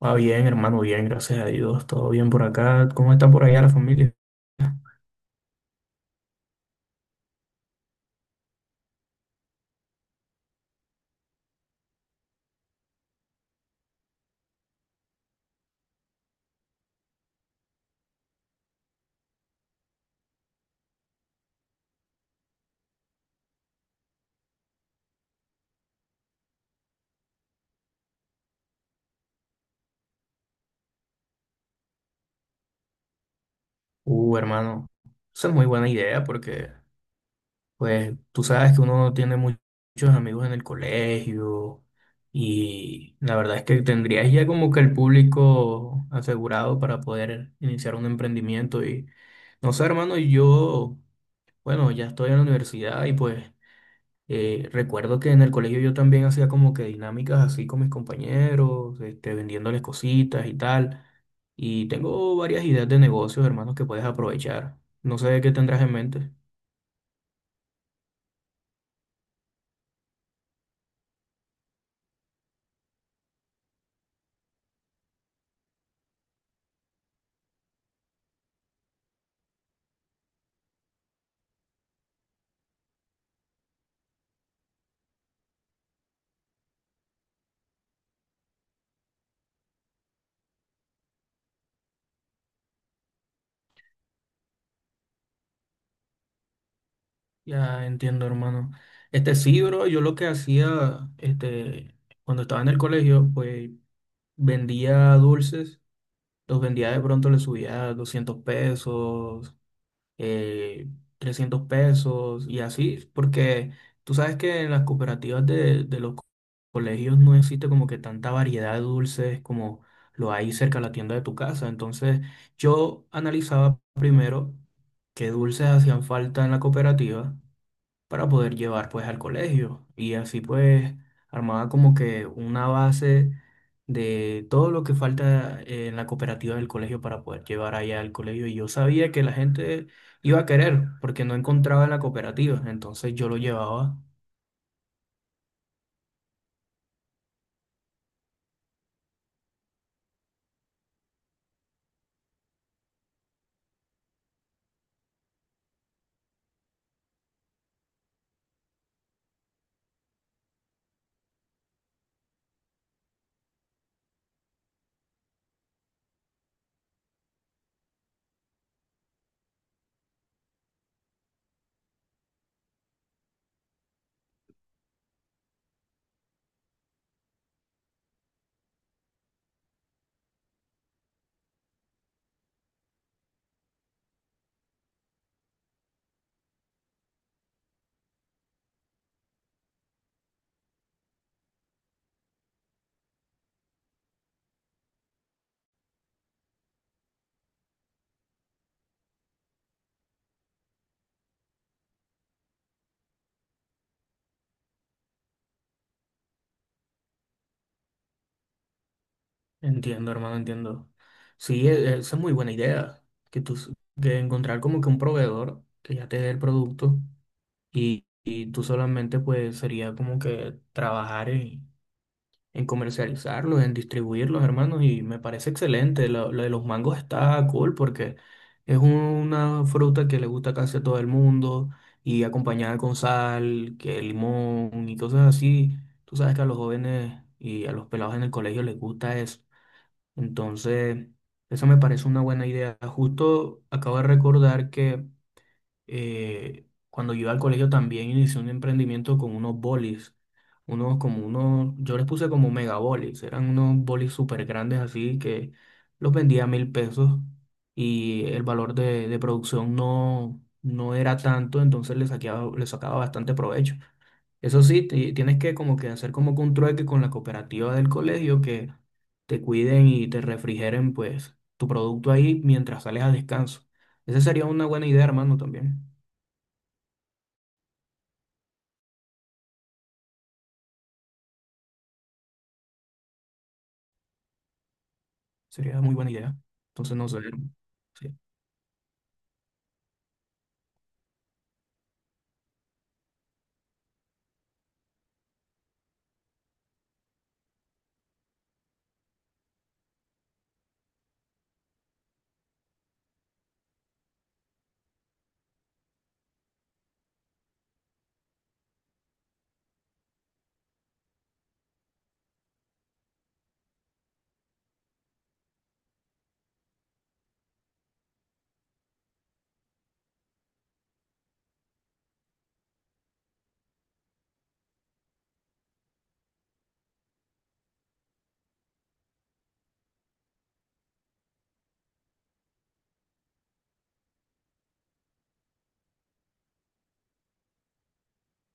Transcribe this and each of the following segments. Ah, bien, hermano, bien, gracias a Dios, todo bien por acá. ¿Cómo está por allá la familia? Hermano, esa es muy buena idea porque, pues, tú sabes que uno no tiene muchos amigos en el colegio y la verdad es que tendrías ya como que el público asegurado para poder iniciar un emprendimiento y, no sé, hermano, yo, bueno, ya estoy en la universidad y pues recuerdo que en el colegio yo también hacía como que dinámicas así con mis compañeros, este, vendiéndoles cositas y tal. Y tengo varias ideas de negocios, hermanos, que puedes aprovechar. No sé qué tendrás en mente. Ya entiendo, hermano. Este sí, bro, yo lo que hacía, este, cuando estaba en el colegio, pues vendía dulces, los vendía de pronto, le subía 200 pesos, eh, 300 pesos y así, porque tú sabes que en las cooperativas de los colegios no existe como que tanta variedad de dulces como lo hay cerca de la tienda de tu casa. Entonces yo analizaba primero qué dulces hacían falta en la cooperativa para poder llevar pues al colegio y así pues armaba como que una base de todo lo que falta en la cooperativa del colegio para poder llevar allá al colegio y yo sabía que la gente iba a querer porque no encontraba en la cooperativa, entonces yo lo llevaba. Entiendo, hermano, entiendo. Sí, esa es muy buena idea, que tú de encontrar como que un proveedor que ya te dé el producto y tú solamente pues sería como que trabajar en comercializarlos, en distribuirlos, hermanos, y me parece excelente. Lo de los mangos está cool porque es una fruta que le gusta casi a todo el mundo y acompañada con sal, que limón y cosas así. Tú sabes que a los jóvenes y a los pelados en el colegio les gusta eso. Entonces, eso me parece una buena idea. Justo acabo de recordar que cuando yo iba al colegio también inicié un emprendimiento con unos bolis, unos como unos, yo les puse como mega bolis, eran unos bolis súper grandes así que los vendía a 1000 pesos y el valor de producción no, no era tanto, entonces le le sacaba bastante provecho. Eso sí, tienes que como que hacer como que un trueque con la cooperativa del colegio que te cuiden y te refrigeren pues tu producto ahí mientras sales a descanso. Esa sería una buena idea, hermano, también. Sería muy buena idea. Entonces, no sé. Sí,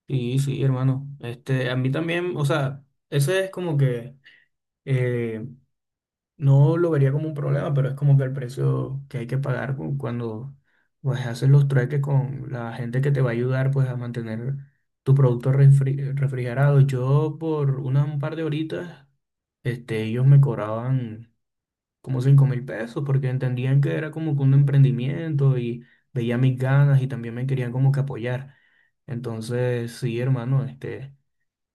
sí, sí, hermano. Este, a mí también, o sea, ese es como que eh, no lo vería como un problema, pero es como que el precio que hay que pagar cuando pues haces los trueques con la gente que te va a ayudar pues a mantener tu producto refrigerado. Yo por unas un par de horitas, este, ellos me cobraban como 5000 pesos, porque entendían que era como que un emprendimiento y veía mis ganas y también me querían como que apoyar. Entonces, sí, hermano, este,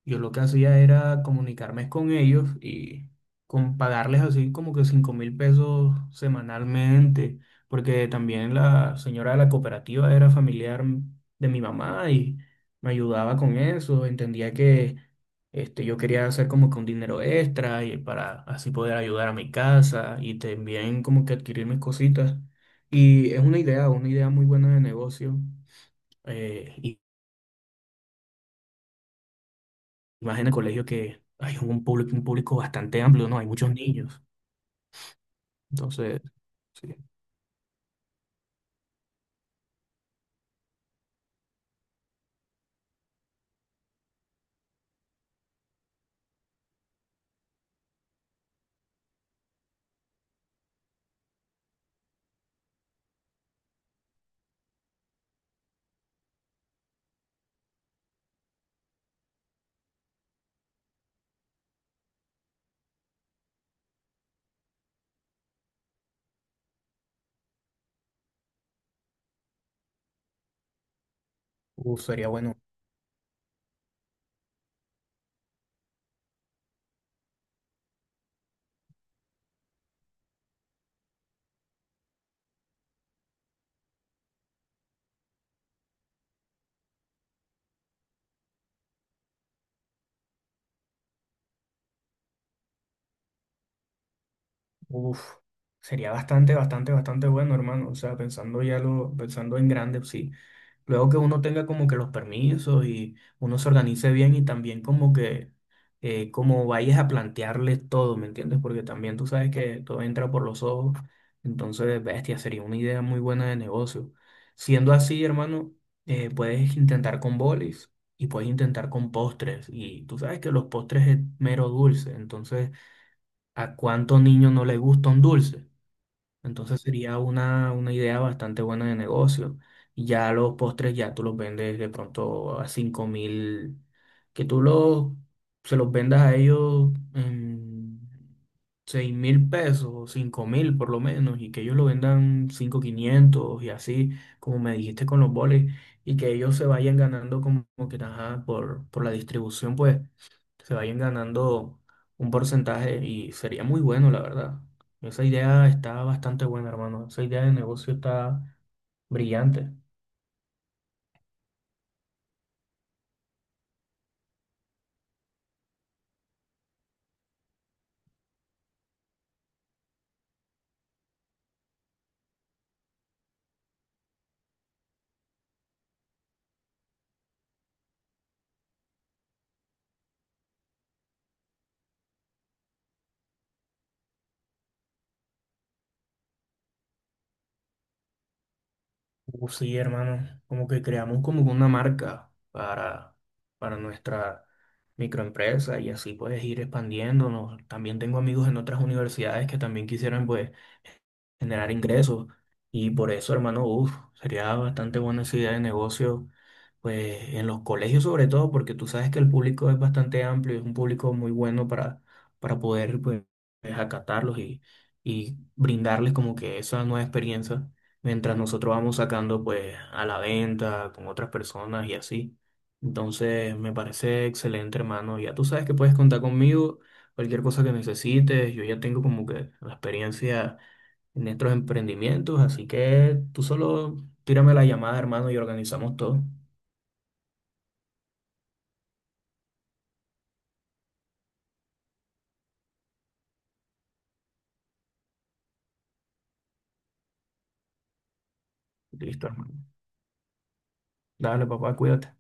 yo lo que hacía era comunicarme con ellos y con pagarles así como que 5000 pesos semanalmente, porque también la señora de la cooperativa era familiar de mi mamá y me ayudaba con eso, entendía que este, yo quería hacer como que un dinero extra y para así poder ayudar a mi casa y también como que adquirir mis cositas. Y es una idea muy buena de negocio. eh, más en el colegio que hay un público bastante amplio, ¿no? Hay muchos niños. Entonces, sí. Uf, sería bueno. Uf, sería bastante, bastante, bastante bueno, hermano. O sea, pensando ya lo, pensando en grande, sí. Luego que uno tenga como que los permisos y uno se organice bien y también como que como vayas a plantearles todo, ¿me entiendes? Porque también tú sabes que todo entra por los ojos, entonces, bestia, sería una idea muy buena de negocio. Siendo así, hermano, puedes intentar con bolis y puedes intentar con postres y tú sabes que los postres es mero dulce, entonces, ¿a cuánto niño no le gusta un dulce? Entonces sería una idea bastante buena de negocio. Y ya los postres ya tú los vendes de pronto a 5000, que tú los, se los vendas a ellos en 6000 pesos, 5000 por lo menos, y que ellos lo vendan 5500 y así, como me dijiste con los boles, y que ellos se vayan ganando como que, ajá, por la distribución, pues se vayan ganando un porcentaje y sería muy bueno, la verdad. Esa idea está bastante buena, hermano. Esa idea de negocio está brillante. Sí, hermano. Como que creamos como una marca para nuestra microempresa y así puedes ir expandiéndonos. También tengo amigos en otras universidades que también quisieran pues generar ingresos. Y por eso, hermano, uf, sería bastante buena esa idea de negocio, pues en los colegios sobre todo, porque tú sabes que el público es bastante amplio, es un público muy bueno para poder pues, acatarlos y brindarles como que esa nueva experiencia, mientras nosotros vamos sacando pues a la venta con otras personas y así. Entonces, me parece excelente, hermano. Ya tú sabes que puedes contar conmigo, cualquier cosa que necesites, yo ya tengo como que la experiencia en nuestros emprendimientos, así que tú solo tírame la llamada, hermano, y organizamos todo. Listo, hermano. Dale, papá, cuídate.